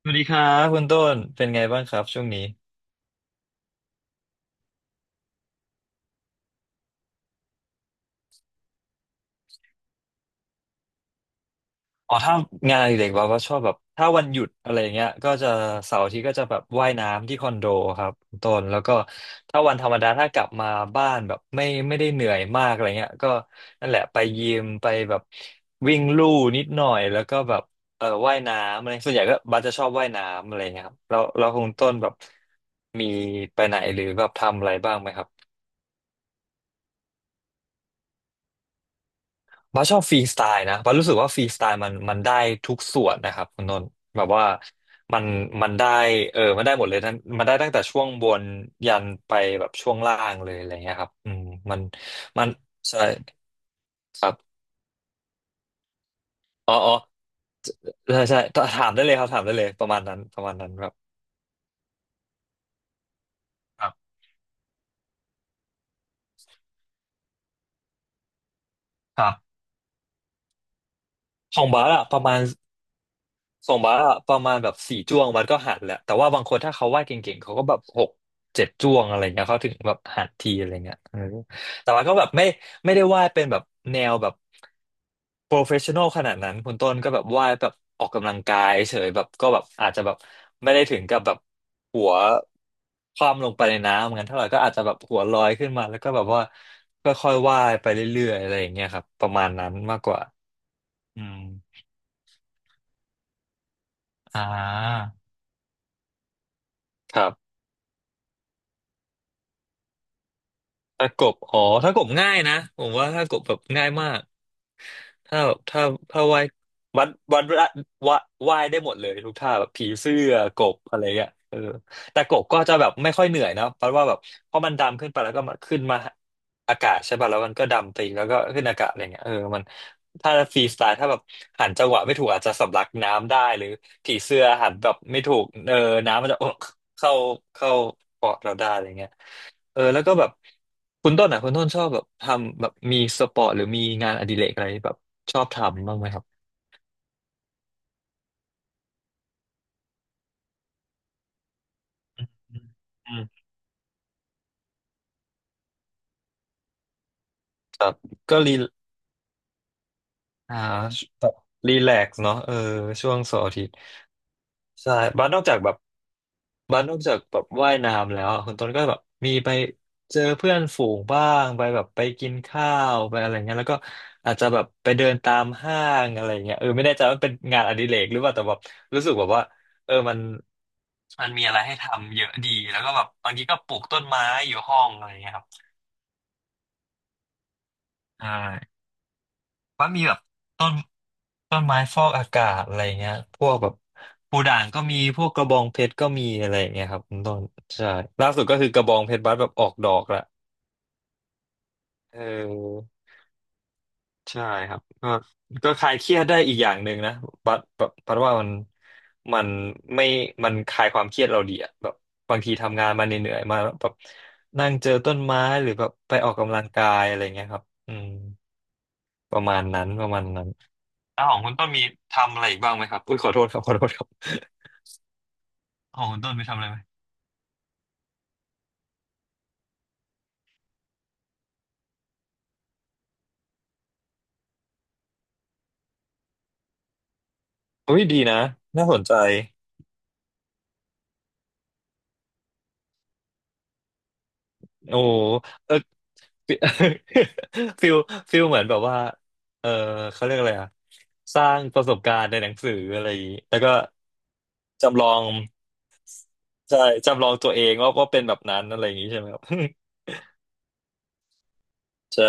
สวัสดีครับคุณต้นเป็นไงบ้างครับช่วงนี้อ๋อถ้างานอดิเด็กว่าก็ชอบแบบถ้าวันหยุดอะไร่าเงี้ยก็จะเสาร์อาทิตย์ก็จะแบบว่ายน้ำที่คอนโดครับคุณต้นแล้วก็ถ้าวันธรรมดาถ้ากลับมาบ้านแบบไม่ได้เหนื่อยมากอะไรเงี้ยก็นั่นแหละไปยิมไปแบบวิ่งลู่นิดหน่อยแล้วก็แบบเออว่ายน้ำอะไรส่วนใหญ่ก็บัสจะชอบว่ายน้ำอะไรเงี้ยครับแล้วคุณต้นแบบมีไปไหนหรือแบบทำอะไรบ้างไหมครับ บ้าสชอบฟรีสไตล์นะบ้าสรู้สึกว่าฟรีสไตล์มันได้ทุกส่วนนะครับคุณนนท์แบบว่ามันมันได้เออมันได้หมดเลยทั้งมันได้ตั้งแต่ช่วงบนยันไปแบบช่วงล่างเลยอะไรเงี้ยครับอืมมันมันใช่ครับอ๋อใช่ถามได้เลยครับถามได้เลยประมาณนั้นประมาณนั้นครับครับครับของบาร์อะประมาณ ส่งบาสอะประมาณแบบสี่จ้วงมันก็หันแหละแต่ว่าบางคนถ้าเขาวาดเก่งๆเขาก็แบบหกเจ็ดจ้วงอะไรเงี้ยเขาถึงแบบหันทีอะไรเงี้ยเออแต่ว่าก็แบบไม่ได้วาดเป็นแบบแนวแบบโปรเฟชชั่นอลขนาดนั้นคุณต้นก็แบบวาดแบบออกกำลังกายเฉยแบบก็แบบอาจจะแบบไม่ได้ถึงกับแบบหัวคว่ำลงไปในน้ำงั้นเท่าไหร่ก็อาจจะแบบหัวลอยขึ้นมาแล้วก็แบบว่าค่อยๆวาดไปเรื่อยๆอะไรอย่างเงี้ยครับประมาณนั้นมากกว่าอืมอ่าครับ ถ้ากบอ๋อถ้ากบง่ายนะผมว่าถ้ากบแบบง่ายมากถ้าแบบถ้าว่ายวัดวัดวดว่าว่ายได้หมดเลยทุกท่าแบบผีเสื้อกบอะไรเงี้ยเออแต่กบก็จะแบบไม่ค่อยเหนื่อยนะเพราะว่าแบบเพราะมันดำขึ้นไปแล้วก็มาขึ้นมาอากาศใช่ป่ะแล้วมันก็ดำไปอีกแล้วก็ขึ้นอากาศอะไรเงี้ยเออมันถ้าฟรีสไตล์ถ้าแบบหันจังหวะไม่ถูกอาจจะสำลักน้ำได้หรือผีเสื้อหันแบบไม่ถูกเออน้ำมันจะ เข้าเข้าปอดเราได้อะไรเงี้ย เออแล้วก็แบบคุณต้นชอบแบบทำแบบมีสปอร์ตหรือมีงานอดิเรกอะไรแบบชอบทำบ้างไหมครับอืมครับก็รี อ่าแบบรีแลกซ์เนาะเออช่วงเสาร์อาทิตย์ใช่บ้านนอกจากแบบบ้านนอกจากแบบว่ายน้ำแล้วอะคุณต้นก็แบบมีไปเจอเพื่อนฝูงบ้างไปแบบไปกินข้าวไปอะไรเงี้ยแล้วก็อาจจะแบบไปเดินตามห้างอะไรเงี้ยเออไม่แน่ใจว่าเป็นงานอดิเรกหรือเปล่าแต่แบบรู้สึกแบบว่าเออมันมีอะไรให้ทำเยอะดีแล้วก็แบบบางทีก็ปลูกต้นไม้อยู่ห้องอะไรเงี้ยครับใช่ว่ามีแบบต้น ต้นไม้ฟอกอากาศอะไรเงี้ยพวกแบบปูด่างก็มีพวกกระบองเพชรก็มีอะไรเงี้ยครับคุณต้นใช่ล่าสุดก็คือกระบองเพชรบัดแบบออกดอกละเออใช่ครับก็คลายเครียดได้อีกอย่างหนึ่งนะบัดแบบบัดว่ามันมันไม่มันคลายความเครียดเราดีอะแบบบางทีทำงานมาเหนื่อยๆมาแล้วแบบนั่งเจอต้นไม้หรือแบบไปออกกำลังกายอะไรเงี้ยครับอืมประมาณนั้นประมาณนั้นอ้าวของคุณต้นมีทำอะไรอีกบ้างไหมครับอุ้ยขอโทษครับขอโทษครับ ของคุณต้นไปทำอะไรไหมอุ้ยดีนะน่าสนใจโอ้เออฟิ ฟิลฟิลเหมือนแบบว่าเออเขาเรียกอะไรอะสร้างประสบการณ์ในหนังสืออะไรอย่างนี้แล้วก็จำลองใช่จำลองตัวเองว่าเป็นแบบนั้นอะไรอย่างนี้ใช่ไหมครับ ใช่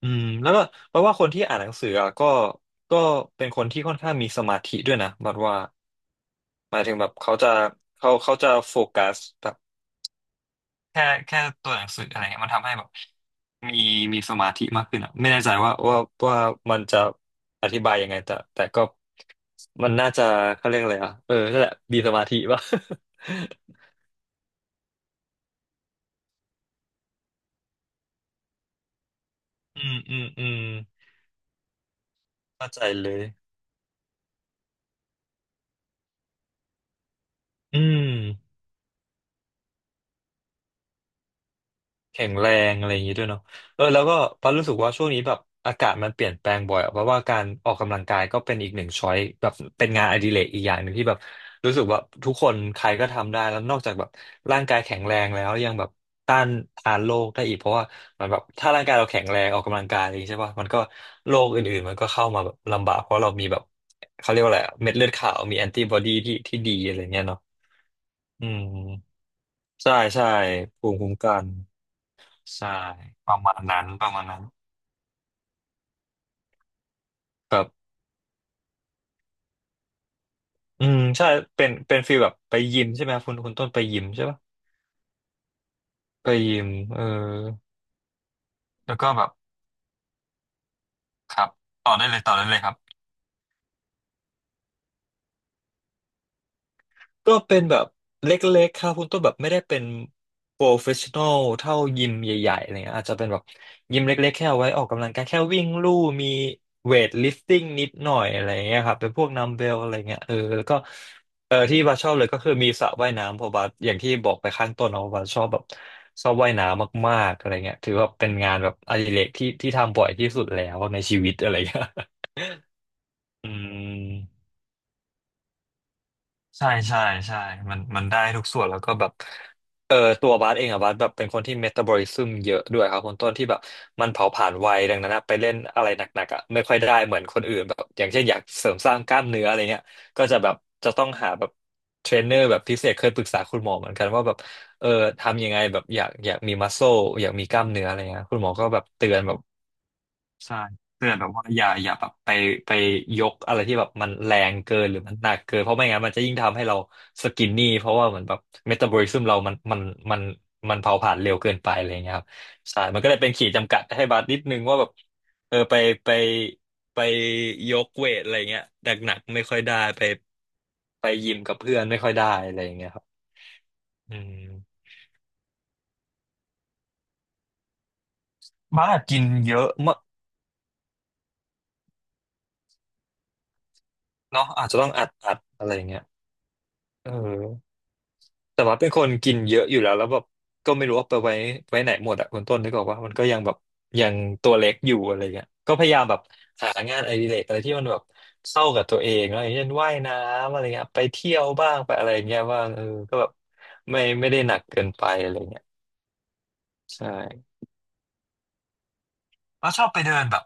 อืมแล้วก็เพราะว่าคนที่อ่านหนังสืออะก็เป็นคนที่ค่อนข้างมีสมาธิด้วยนะบัดว่าหมายถึงแบบเขาจะเขาจะโฟกัสแบบ แค่แค่ตัวหนังสืออะไรเงี้ยมันทำให้แบบมีมีสมาธิมากขึ้นอ่ะไม่แน่ใจว่าว่ามันจะอธิบายยังไงแต่แต่ก็มันน่าจะเขาเรียกอะไรอ่ะเออนั่นแหละมีสมาธิป่ะ อืมอืมเข้าใจเลยอืม แข็งแรงอะไรอย่างนี้ด้วยเนาะเออแล้วก็ปารู้สึกว่าช่วงนี้แบบอากาศมันเปลี่ยนแปลงบ่อยอะเพราะว่าการออกกำลังกายก็เป็นอีกหนึ่งช้อยแบบเป็นงานอดิเรกอีกอย่างหนึ่งที่แบบรู้สึกว่าทุกคนใครก็ทำได้แล้วนอกจากแบบร่างกายแข็งแรงแล้วยังแบบต้านทานโรคได้อีกเพราะว่ามันแบบถ้าร่างกายเราแข็งแรงออกกำลังกายอะไรอย่างนี้ใช่ป่ะมันก็โรคอื่นๆมันก็เข้ามาแบบลำบากเพราะเรามีแบบเขาเรียกว่าอะไรอะเม็ดเลือดขาวมีแอนติบอดีที่ดีอะไรเงี้ยเนาะอืมใช่ใช่ภูมิคุ้มกัน ใช่ประมาณนั้นประมาณนั้นแบบอืมใช่เป็นฟีลแบบไปยิมใช่ไหมคุณต้นไปยิมใช่ปะไปยิมเออแล้วก็แบบครับต่อได้เลยต่อได้เลยครับ ก็เป็นแบบเล็กๆครับคุณต้นแบบไม่ได้เป็นโปรเฟชชั่นอลเท่ายิมใหญ่ๆอะไรเงี้ยอาจจะเป็นแบบยิมเล็กๆแค่เอาไว้ออกกำลังกายแค่วิ่งลู่มีเวทลิฟติ้งนิดหน่อยอะไรเงี้ยครับเป็นพวกนัมเบลอะไรเงี้ยเออแล้วก็เออที่บาสชอบเลยก็คือมีสระว่ายน้ำเพราะบาสอย่างที่บอกไปข้างต้นเนาะบาสชอบแบบชอบว่ายน้ำมากๆอะไรเงี้ยถือว่าเป็นงานแบบอดิเรกที่ทำบ่อยที่สุดแล้วในชีวิตอะไรเงี้ย อืม ใช่ใช่ใช่มันได้ทุกส่วนแล้วก็แบบเออตัวบาสเองอะบาสแบบเป็นคนที่เมตาบอลิซึมเยอะด้วยครับคนต้นที่แบบมันเผาผลาญไวดังนั้นอะไปเล่นอะไรหนักๆอะไม่ค่อยได้เหมือนคนอื่นแบบอย่างเช่นอยากเสริมสร้างกล้ามเนื้ออะไรเงี้ยก็จะแบบจะต้องหาแบบเทรนเนอร์แบบพิเศษเคยปรึกษาคุณหมอเหมือนกันว่าแบบเออทำยังไงแบบอยากมีมัสโซอยากมีกล้ามเนื้ออะไรเงี้ยคุณหมอก็แบบเตือนแบบ ใช่เตือนแบบว่าอย่าแบบไปยกอะไรที่แบบมันแรงเกินหรือมันหนักเกินเพราะไม่งั้นมันจะยิ่งทำให้เราสกินนี่เพราะว่าเหมือนแบบเมตาบอลิซึมเรามันมันเผาผลาญเร็วเกินไปอะไรอย่างเงี้ยครับใช่มันก็เลยเป็นขีดจำกัดให้บาสนิดนึงว่าแบบเออไปไปยกเวทอะไรเงี้ยหนักไม่ค่อยได้ไปยิมกับเพื่อนไม่ค่อยได้อะไรอย่างเงี้ยครับอืมบ้าสกินเยอะมากเนาะอาจจะต้องอัดอะไรอย่างเงี้ยเออ แต่ว่าเป็นคนกินเยอะอยู่แล้วแล้วแบบก็ไม่รู้ว่าไปไว้ไหนหมดอะคุณต้นนึกออกว่ามันก็ยังแบบยังตัวเล็กอยู่อะไรเงี้ยก็พยายามแบบหางานอดิเรกอะไรที่มันแบบเข้ากับตัวเองอะไรอย่างเช่นว่ายน้ำอะไรเงี้ยไปเที่ยวบ้างไปอะไรเงี้ยว่างเออก็แบบไม่ได้หนักเกินไปอะไรเงี้ยใช่ ก็ชอบไปเดินแบบ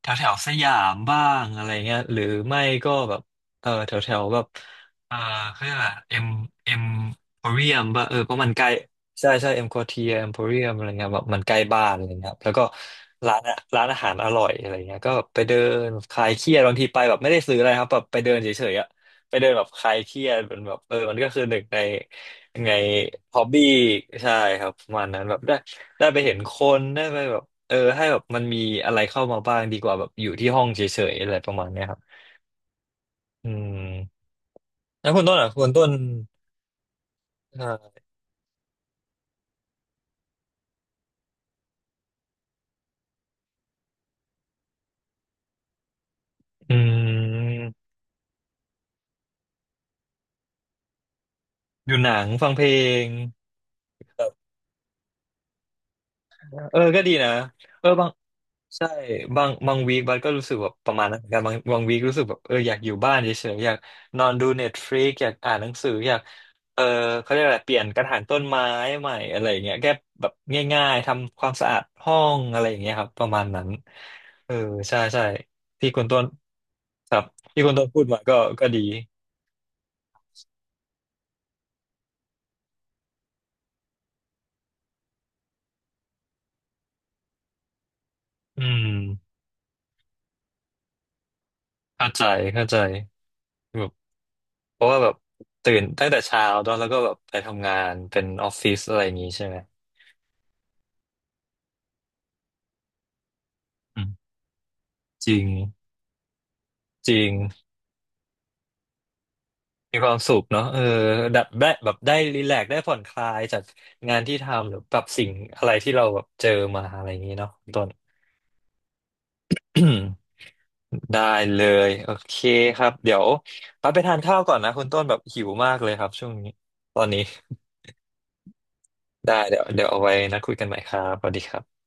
แถวแถวสยามบ้างอะไรเงี้ยหรือไม่ก็แบบเออแถวแถวแบบเออเขาเรียกอะไรเอ็มโพเรียมป่ะเออเพราะมันใกล้ใช่ใช่เอ็มโคเทียเอ็มโพเรียมอะไรเงี้ยแบบมันใกล้บ้านอะไรเงี้ยครับแล้วก็ร้านอะร้านอาหารอร่อยอะไรเงี้ยก็แบบไปเดินคลายเครียดบางทีไปแบบไม่ได้ซื้ออะไรครับแบบไปเดินเฉยๆอะไปเดินแบบคลายเครียดมันแบบเออมันก็คือหนึ่งใน ยังไงฮอบบี้ใช่ครับประมาณนั้นแบบได้ไปเห็นคนได้ไปแบบเออให้แบบมันมีอะไรเข้ามาบ้างดีกว่าแบบอยู่ที่ห้องเฉยๆอะไรประมาณเนี้ยครับอืมแล้วคุณต้นอ่ะคุณต้นอ่าอืมอยู่หนังฟังเพลง เออก็ดีนะเออบางใช่บางวีคบัสก็รู้สึกแบบประมาณนั้นเหมือนกันบางวีครู้สึกแบบเอออยากอยู่บ้านเฉยๆอยากนอนดูเน็ตฟลิก อยากอ่านหนังสืออยากเออเขาเรียกอะไรเปลี่ยนกระถางต้นไม้ใหม่อะไรอย่างเงี้ยแก้แบบง่ายๆ ทำความสะอาดห้องอะไรอย่างเงี้ยครับ ประมาณนั้น เออ ใช่ใช่ที่คุณต้นครับที่คุณต้นพูดมาก็ก็ดีอืมเข้าใจเข้าใจ เพราะว่าแบบตื่นตั้งแต่เช้าเนอะแล้วก็แบบไปทำงานเป็นออฟฟิศอะไรอย่างงี้ใช่ไหมอืมจริงจริงมีความสุขเนาะเออดับได้แบบได้รีแลกซ์ได้ผ่อนคลายจากงานที่ทำหรือแบบสิ่งอะไรที่เราแบบเจอมาอะไรอย่างงี้เนาะต้น ได้เลยโอเคครับเดี๋ยวปั๊บไปทานข้าวก่อนนะคุณต้นแบบหิวมากเลยครับช่วงนี้ตอนนี้ได้เดี๋ยวเอาไว้นะคุยกันใหม่ครับสวัสดีครับ